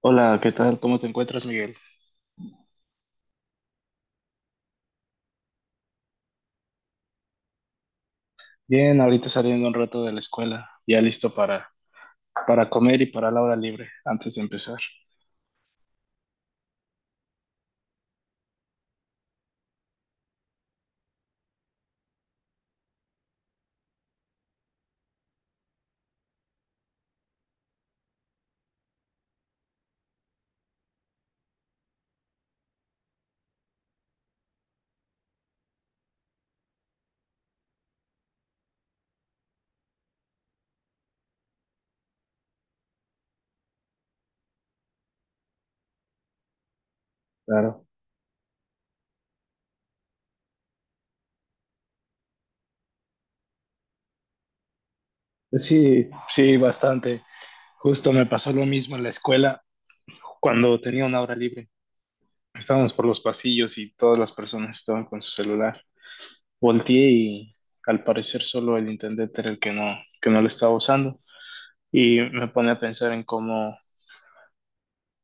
Hola, ¿qué tal? ¿Cómo te encuentras, Miguel? Bien, ahorita saliendo un rato de la escuela, ya listo para comer y para la hora libre antes de empezar. Claro. Sí, sí, bastante. Justo me pasó lo mismo en la escuela cuando tenía una hora libre. Estábamos por los pasillos y todas las personas estaban con su celular. Volteé y al parecer solo el intendente era el que que no lo estaba usando. Y me pone a pensar en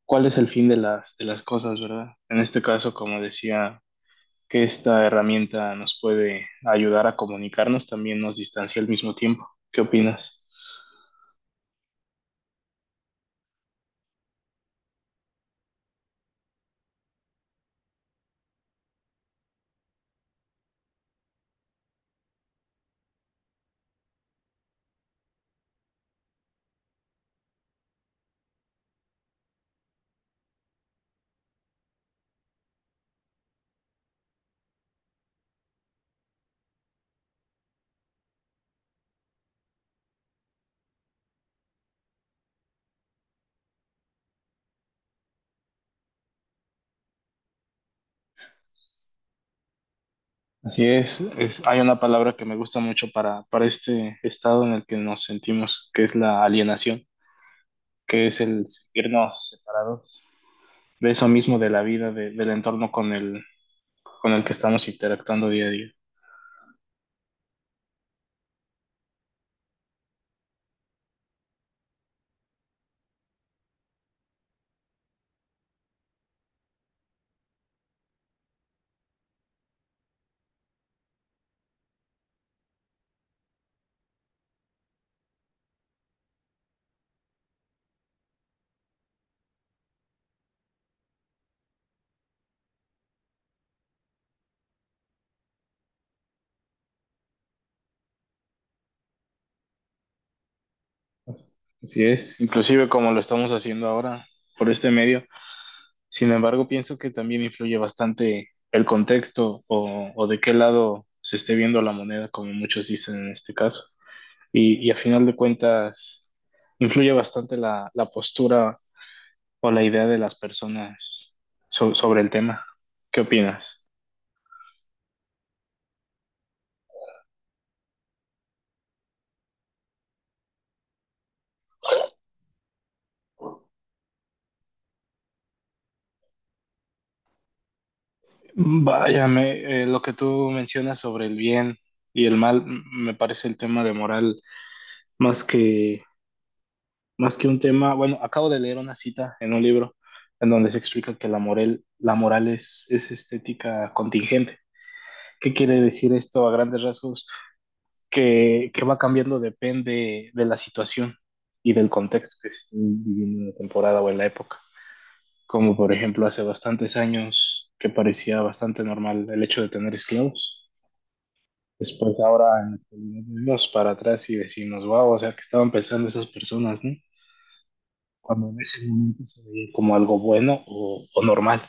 cuál es el fin de de las cosas, ¿verdad? En este caso, como decía que esta herramienta nos puede ayudar a comunicarnos, también nos distancia al mismo tiempo. ¿Qué opinas? Así es, hay una palabra que me gusta mucho para este estado en el que nos sentimos, que es la alienación, que es el sentirnos separados de eso mismo, de la vida, del entorno con con el que estamos interactuando día a día. Así es, inclusive como lo estamos haciendo ahora por este medio. Sin embargo, pienso que también influye bastante el contexto o de qué lado se esté viendo la moneda, como muchos dicen en este caso. Y a final de cuentas, influye bastante la postura o la idea de las personas sobre el tema. ¿Qué opinas? Vaya, lo que tú mencionas sobre el bien y el mal, me parece el tema de moral más que más que un tema. Bueno, acabo de leer una cita en un libro en donde se explica que la moral es estética contingente. ¿Qué quiere decir esto a grandes rasgos? Que va cambiando depende de la situación y del contexto que se esté viviendo en la temporada o en la época. Como por ejemplo hace bastantes años que parecía bastante normal el hecho de tener esclavos. Después ahora en la actualidad, vemos para atrás y decimos, wow, o sea, que estaban pensando esas personas, ¿no? Cuando en ese momento se veía como algo bueno o normal.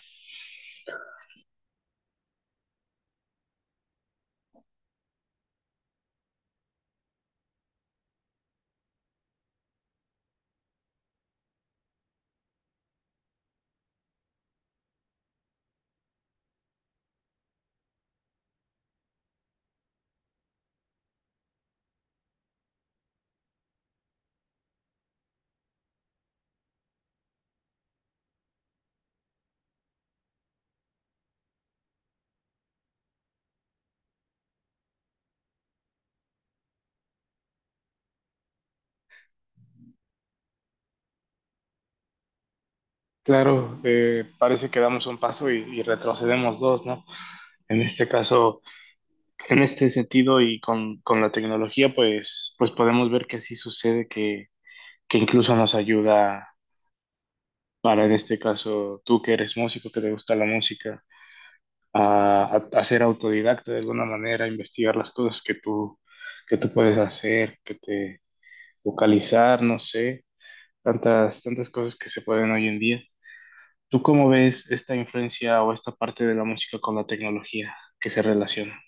Claro, parece que damos un paso y retrocedemos dos, ¿no? En este caso, en este sentido y con la tecnología, pues podemos ver que sí sucede que incluso nos ayuda para, en este caso, tú que eres músico, que te gusta la música, a, a ser autodidacta de alguna manera, a investigar las cosas que que tú puedes hacer, que te vocalizar, no sé tantas cosas que se pueden hoy en día. ¿Tú cómo ves esta influencia o esta parte de la música con la tecnología que se relaciona?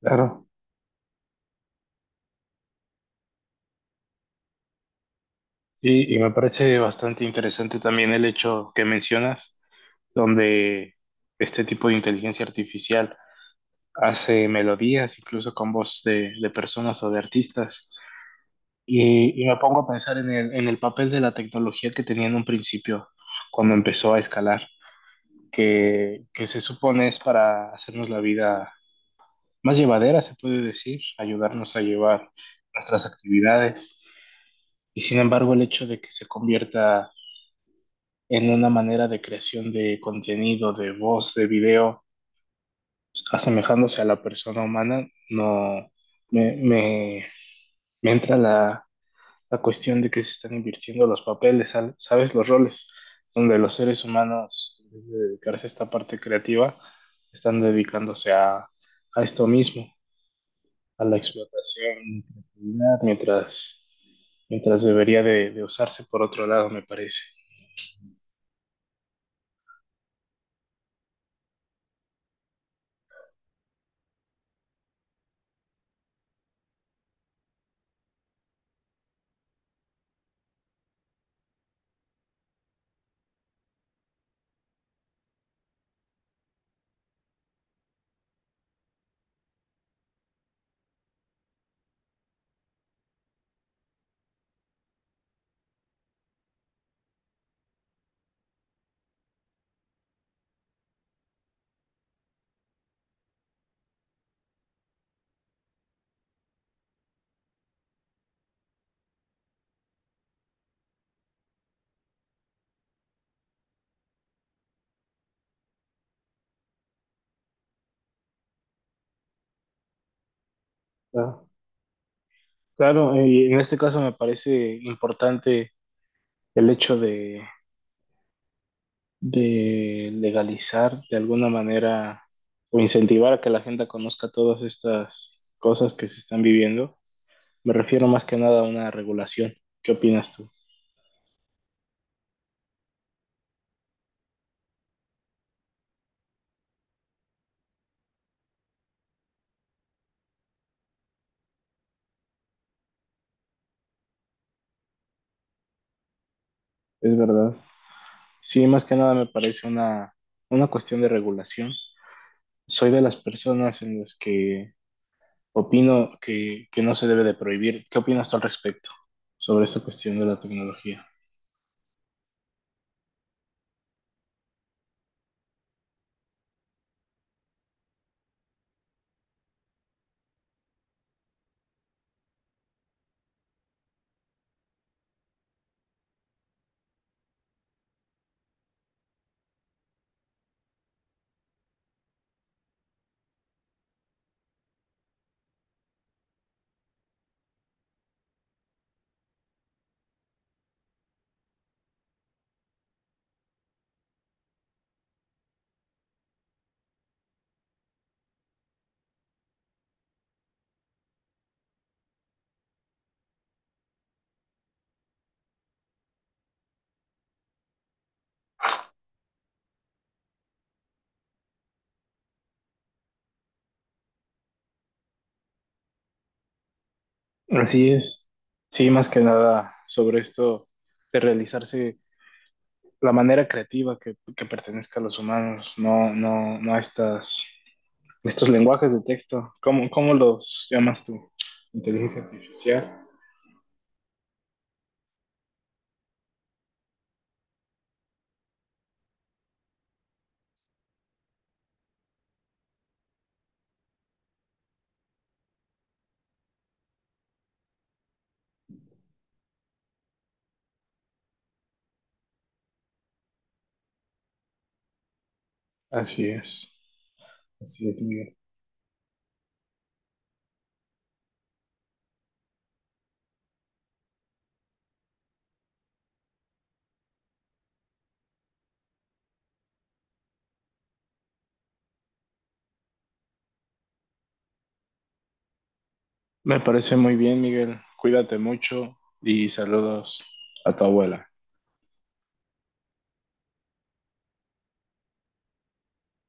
Claro. Sí, y me parece bastante interesante también el hecho que mencionas, donde este tipo de inteligencia artificial hace melodías, incluso con voz de personas o de artistas. Y me pongo a pensar en en el papel de la tecnología que tenía en un principio, cuando empezó a escalar, que se supone es para hacernos la vida más llevadera, se puede decir, ayudarnos a llevar nuestras actividades. Y sin embargo, el hecho de que se convierta en una manera de creación de contenido, de voz, de video, asemejándose a la persona humana, no me, me, me entra la cuestión de que se están invirtiendo los papeles, ¿sabes? Los roles, donde los seres humanos, en vez de dedicarse a esta parte creativa, están dedicándose a esto mismo. A la explotación, creatividad, mientras debería de usarse por otro lado, me parece. Ah, Claro, y en este caso me parece importante el hecho de legalizar de alguna manera o incentivar a que la gente conozca todas estas cosas que se están viviendo. Me refiero más que nada a una regulación. ¿Qué opinas tú? Es verdad. Sí, más que nada me parece una cuestión de regulación. Soy de las personas en las que opino que no se debe de prohibir. ¿Qué opinas tú al respecto sobre esta cuestión de la tecnología? Así es. Sí, más que nada sobre esto de realizarse la manera creativa que pertenezca a los humanos, no, no, no a estas, estos lenguajes de texto. ¿Cómo, cómo los llamas tú? Inteligencia artificial. Así es. Así es, Miguel. Me parece muy bien, Miguel. Cuídate mucho y saludos a tu abuela.